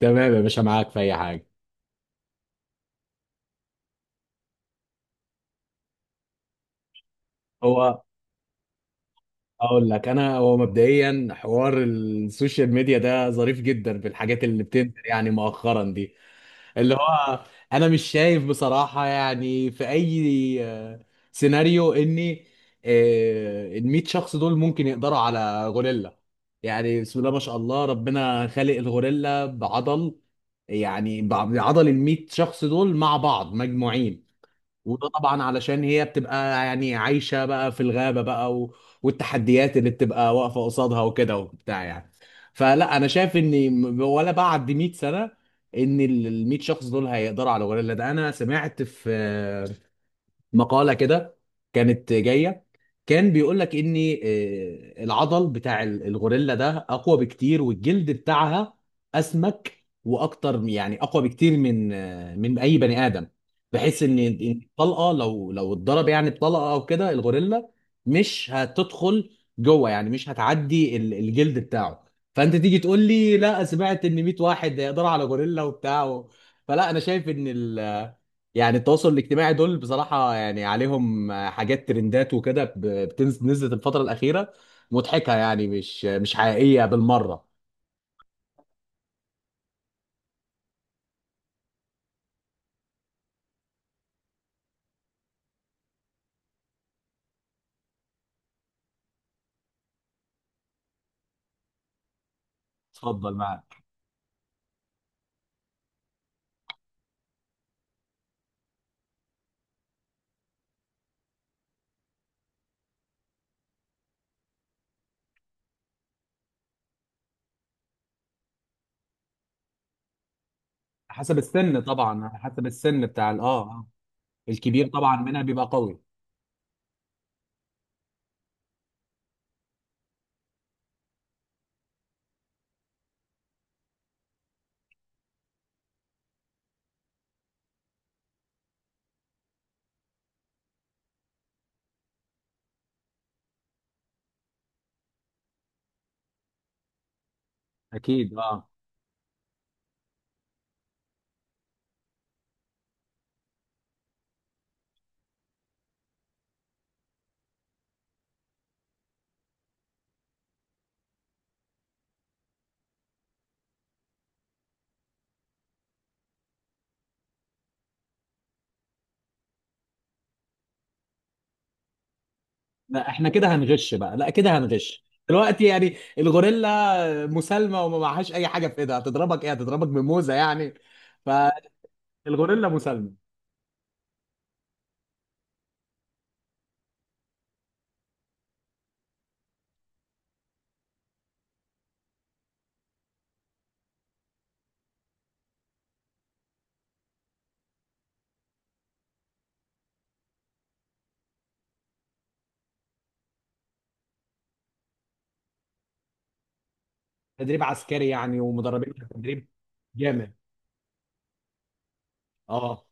تمام يا باشا، معاك في اي حاجه. هو اقول لك انا، هو مبدئيا حوار السوشيال ميديا ده ظريف جدا في الحاجات اللي بتنزل يعني مؤخرا دي. اللي هو انا مش شايف بصراحه يعني في اي سيناريو اني ال 100 شخص دول ممكن يقدروا على غوريلا. يعني بسم الله ما شاء الله، ربنا خالق الغوريلا بعضل، يعني بعضل ال 100 شخص دول مع بعض مجموعين. وده طبعا علشان هي بتبقى يعني عايشة بقى في الغابة بقى والتحديات اللي بتبقى واقفة قصادها وكده وبتاع يعني. فلا أنا شايف إن ولا بعد 100 سنة إن ال 100 شخص دول هيقدروا على الغوريلا ده. أنا سمعت في مقالة كده كانت جاية، كان بيقول لك ان العضل بتاع الغوريلا ده اقوى بكتير، والجلد بتاعها اسمك واكتر يعني اقوى بكتير من من اي بني ادم، بحيث ان الطلقة لو اتضرب يعني بطلقة او كده، الغوريلا مش هتدخل جوه، يعني مش هتعدي الجلد بتاعه. فانت تيجي تقول لي لا سمعت ان 100 واحد يقدروا على غوريلا وبتاع. فلا انا شايف ان يعني التواصل الاجتماعي دول بصراحة يعني عليهم حاجات ترندات وكده بتنزل، نزلت الفترة الأخيرة، مضحكة يعني مش حقيقية بالمرة. اتفضل، معاك. حسب السن، طبعا على حسب السن بتاع الكبير طبعا منها بيبقى قوي. اكيد، اه. لا احنا كده هنغش بقى، لا كده هنغش دلوقتي، يعني الغوريلا مسالمة وما معهاش اي حاجة في ايدها، هتضربك ايه؟ هتضربك بموزة يعني. فالغوريلا مسالمة. تدريب عسكري يعني، ومدربين تدريب جامد. اه.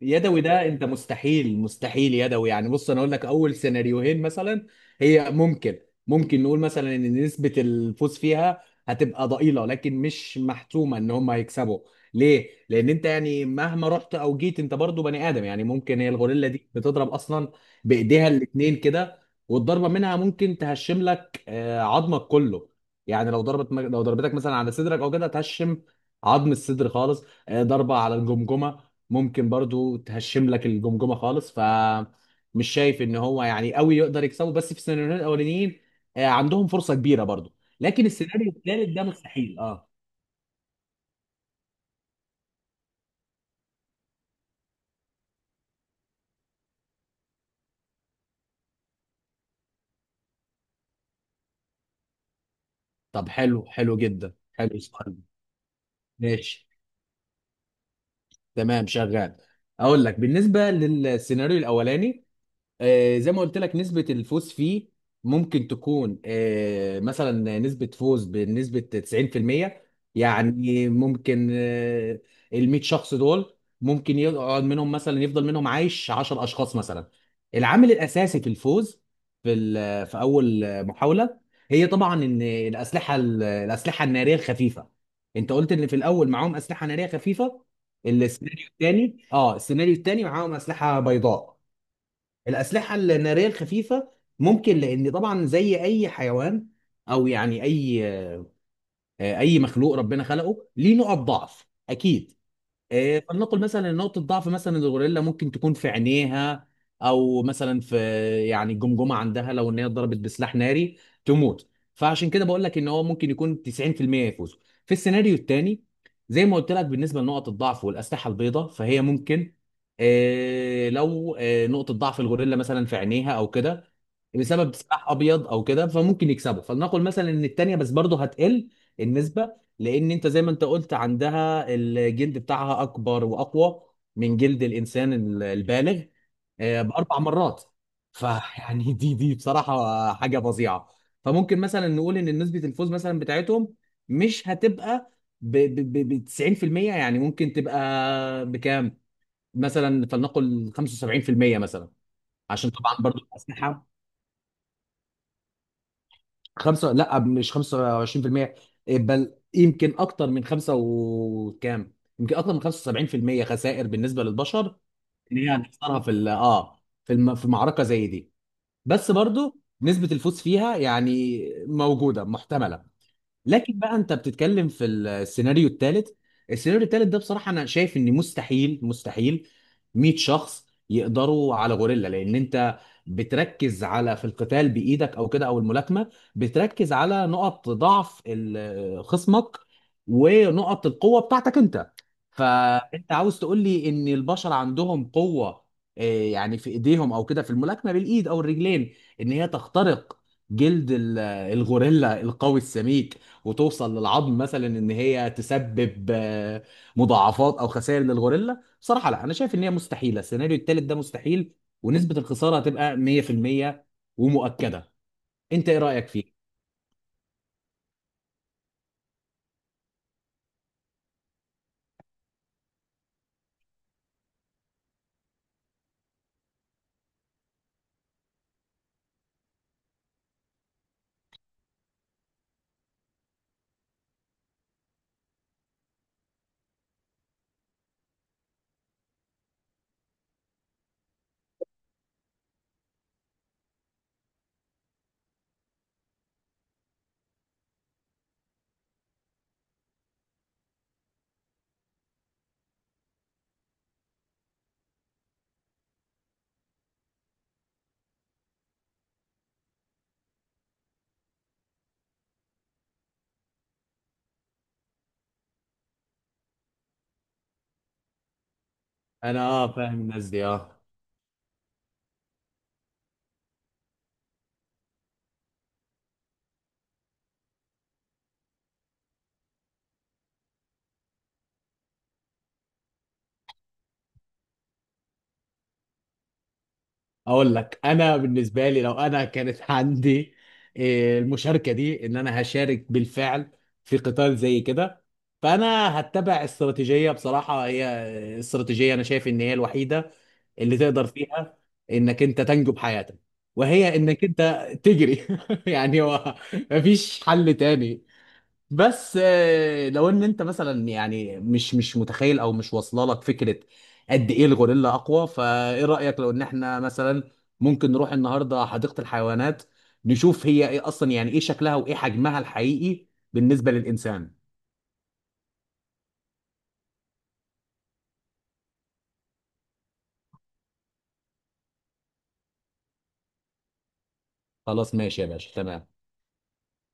يدوي ده انت؟ مستحيل مستحيل يدوي يعني. بص، انا اقول لك اول سيناريوهين مثلا هي ممكن، ممكن نقول مثلا ان نسبة الفوز فيها هتبقى ضئيلة، لكن مش محتومة ان هم هيكسبوا. ليه؟ لان انت يعني مهما رحت او جيت انت برضو بني ادم، يعني ممكن هي الغوريلا دي بتضرب اصلا بايديها الاتنين كده، والضربة منها ممكن تهشم لك عظمك كله. يعني لو ضربتك مثلا على صدرك او كده، تهشم عظم الصدر خالص. ضربة على الجمجمة ممكن برضو تهشم لك الجمجمه خالص. مش شايف ان هو يعني قوي يقدر يكسبه، بس في السيناريوهين الاولانيين عندهم فرصه كبيره برضو، لكن السيناريو الثالث ده مستحيل، اه. طب حلو، حلو جدا، حلو السؤال ده. ماشي، تمام، شغال. اقول لك بالنسبه للسيناريو الاولاني، زي ما قلت لك نسبة الفوز فيه ممكن تكون مثلا نسبة فوز بنسبة 90%. يعني ممكن ال 100 شخص دول ممكن يقعد منهم مثلا، يفضل منهم عايش 10 أشخاص مثلا. العامل الأساسي في الفوز في في أول محاولة، هي طبعا إن الأسلحة الأسلحة النارية الخفيفة. أنت قلت إن في الأول معاهم أسلحة نارية خفيفة. السيناريو الثاني معاهم أسلحة بيضاء. الأسلحة النارية الخفيفة ممكن، لأن طبعا زي أي حيوان أو يعني أي مخلوق ربنا خلقه ليه نقط ضعف أكيد. فلنقل مثلا إن نقطة ضعف مثلا الغوريلا ممكن تكون في عينيها، أو مثلا في يعني الجمجمة عندها، لو إن هي اتضربت بسلاح ناري تموت. فعشان كده بقول لك إن هو ممكن يكون 90% يفوز. في السيناريو الثاني، زي ما قلت لك بالنسبة لنقط الضعف والأسلحة البيضاء، فهي ممكن، لو نقطة ضعف الغوريلا مثلا في عينيها أو كده، بسبب سلاح ابيض او كده، فممكن يكسبوا. فلنقل مثلا ان التانيه بس برضه هتقل النسبه، لان انت زي ما انت قلت عندها الجلد بتاعها اكبر واقوى من جلد الانسان البالغ باربع مرات. فيعني دي بصراحه حاجه فظيعه. فممكن مثلا نقول ان نسبه الفوز مثلا بتاعتهم مش هتبقى ب- 90%، يعني ممكن تبقى بكام؟ مثلا فلنقل 75% مثلا، عشان طبعا برضو الاسلحه. خمسة، لا مش 25%، بل يمكن اكتر من خمسة وكام، يمكن اكتر من 75% خسائر بالنسبة للبشر اللي هي هنخسرها في في في معركة زي دي. بس برضو نسبة الفوز فيها يعني موجودة، محتملة. لكن بقى انت بتتكلم في السيناريو الثالث. السيناريو الثالث ده بصراحه انا شايف ان مستحيل، مستحيل 100 شخص يقدروا على غوريلا، لان انت بتركز على في القتال بايدك او كده او الملاكمه، بتركز على نقط ضعف خصمك ونقط القوه بتاعتك انت. فانت عاوز تقول لي ان البشر عندهم قوه، يعني في ايديهم او كده، في الملاكمه بالايد او الرجلين، ان هي تخترق جلد الغوريلا القوي السميك وتوصل للعظم، مثلا ان هي تسبب مضاعفات او خسائر للغوريلا. بصراحه لا، انا شايف ان هي مستحيله، السيناريو الثالث ده مستحيل ونسبه الخساره هتبقى 100% ومؤكده. انت ايه رايك فيه؟ انا، اه، فاهم الناس دي، اه. اقول لك انا بالنسبه لي، لو انا كانت عندي المشاركه دي، ان انا هشارك بالفعل في قتال زي كده، فانا هتبع استراتيجيه بصراحه، هي استراتيجيه انا شايف ان هي الوحيده اللي تقدر فيها انك انت تنجو بحياتك، وهي انك انت تجري يعني. هو مفيش حل تاني. بس لو ان انت مثلا يعني مش متخيل او مش واصله لك فكره قد ايه الغوريلا اقوى، فايه رايك لو ان احنا مثلا ممكن نروح النهارده حديقه الحيوانات، نشوف هي ايه اصلا، يعني ايه شكلها وايه حجمها الحقيقي بالنسبه للانسان. خلاص ماشي يا باشا، تمام.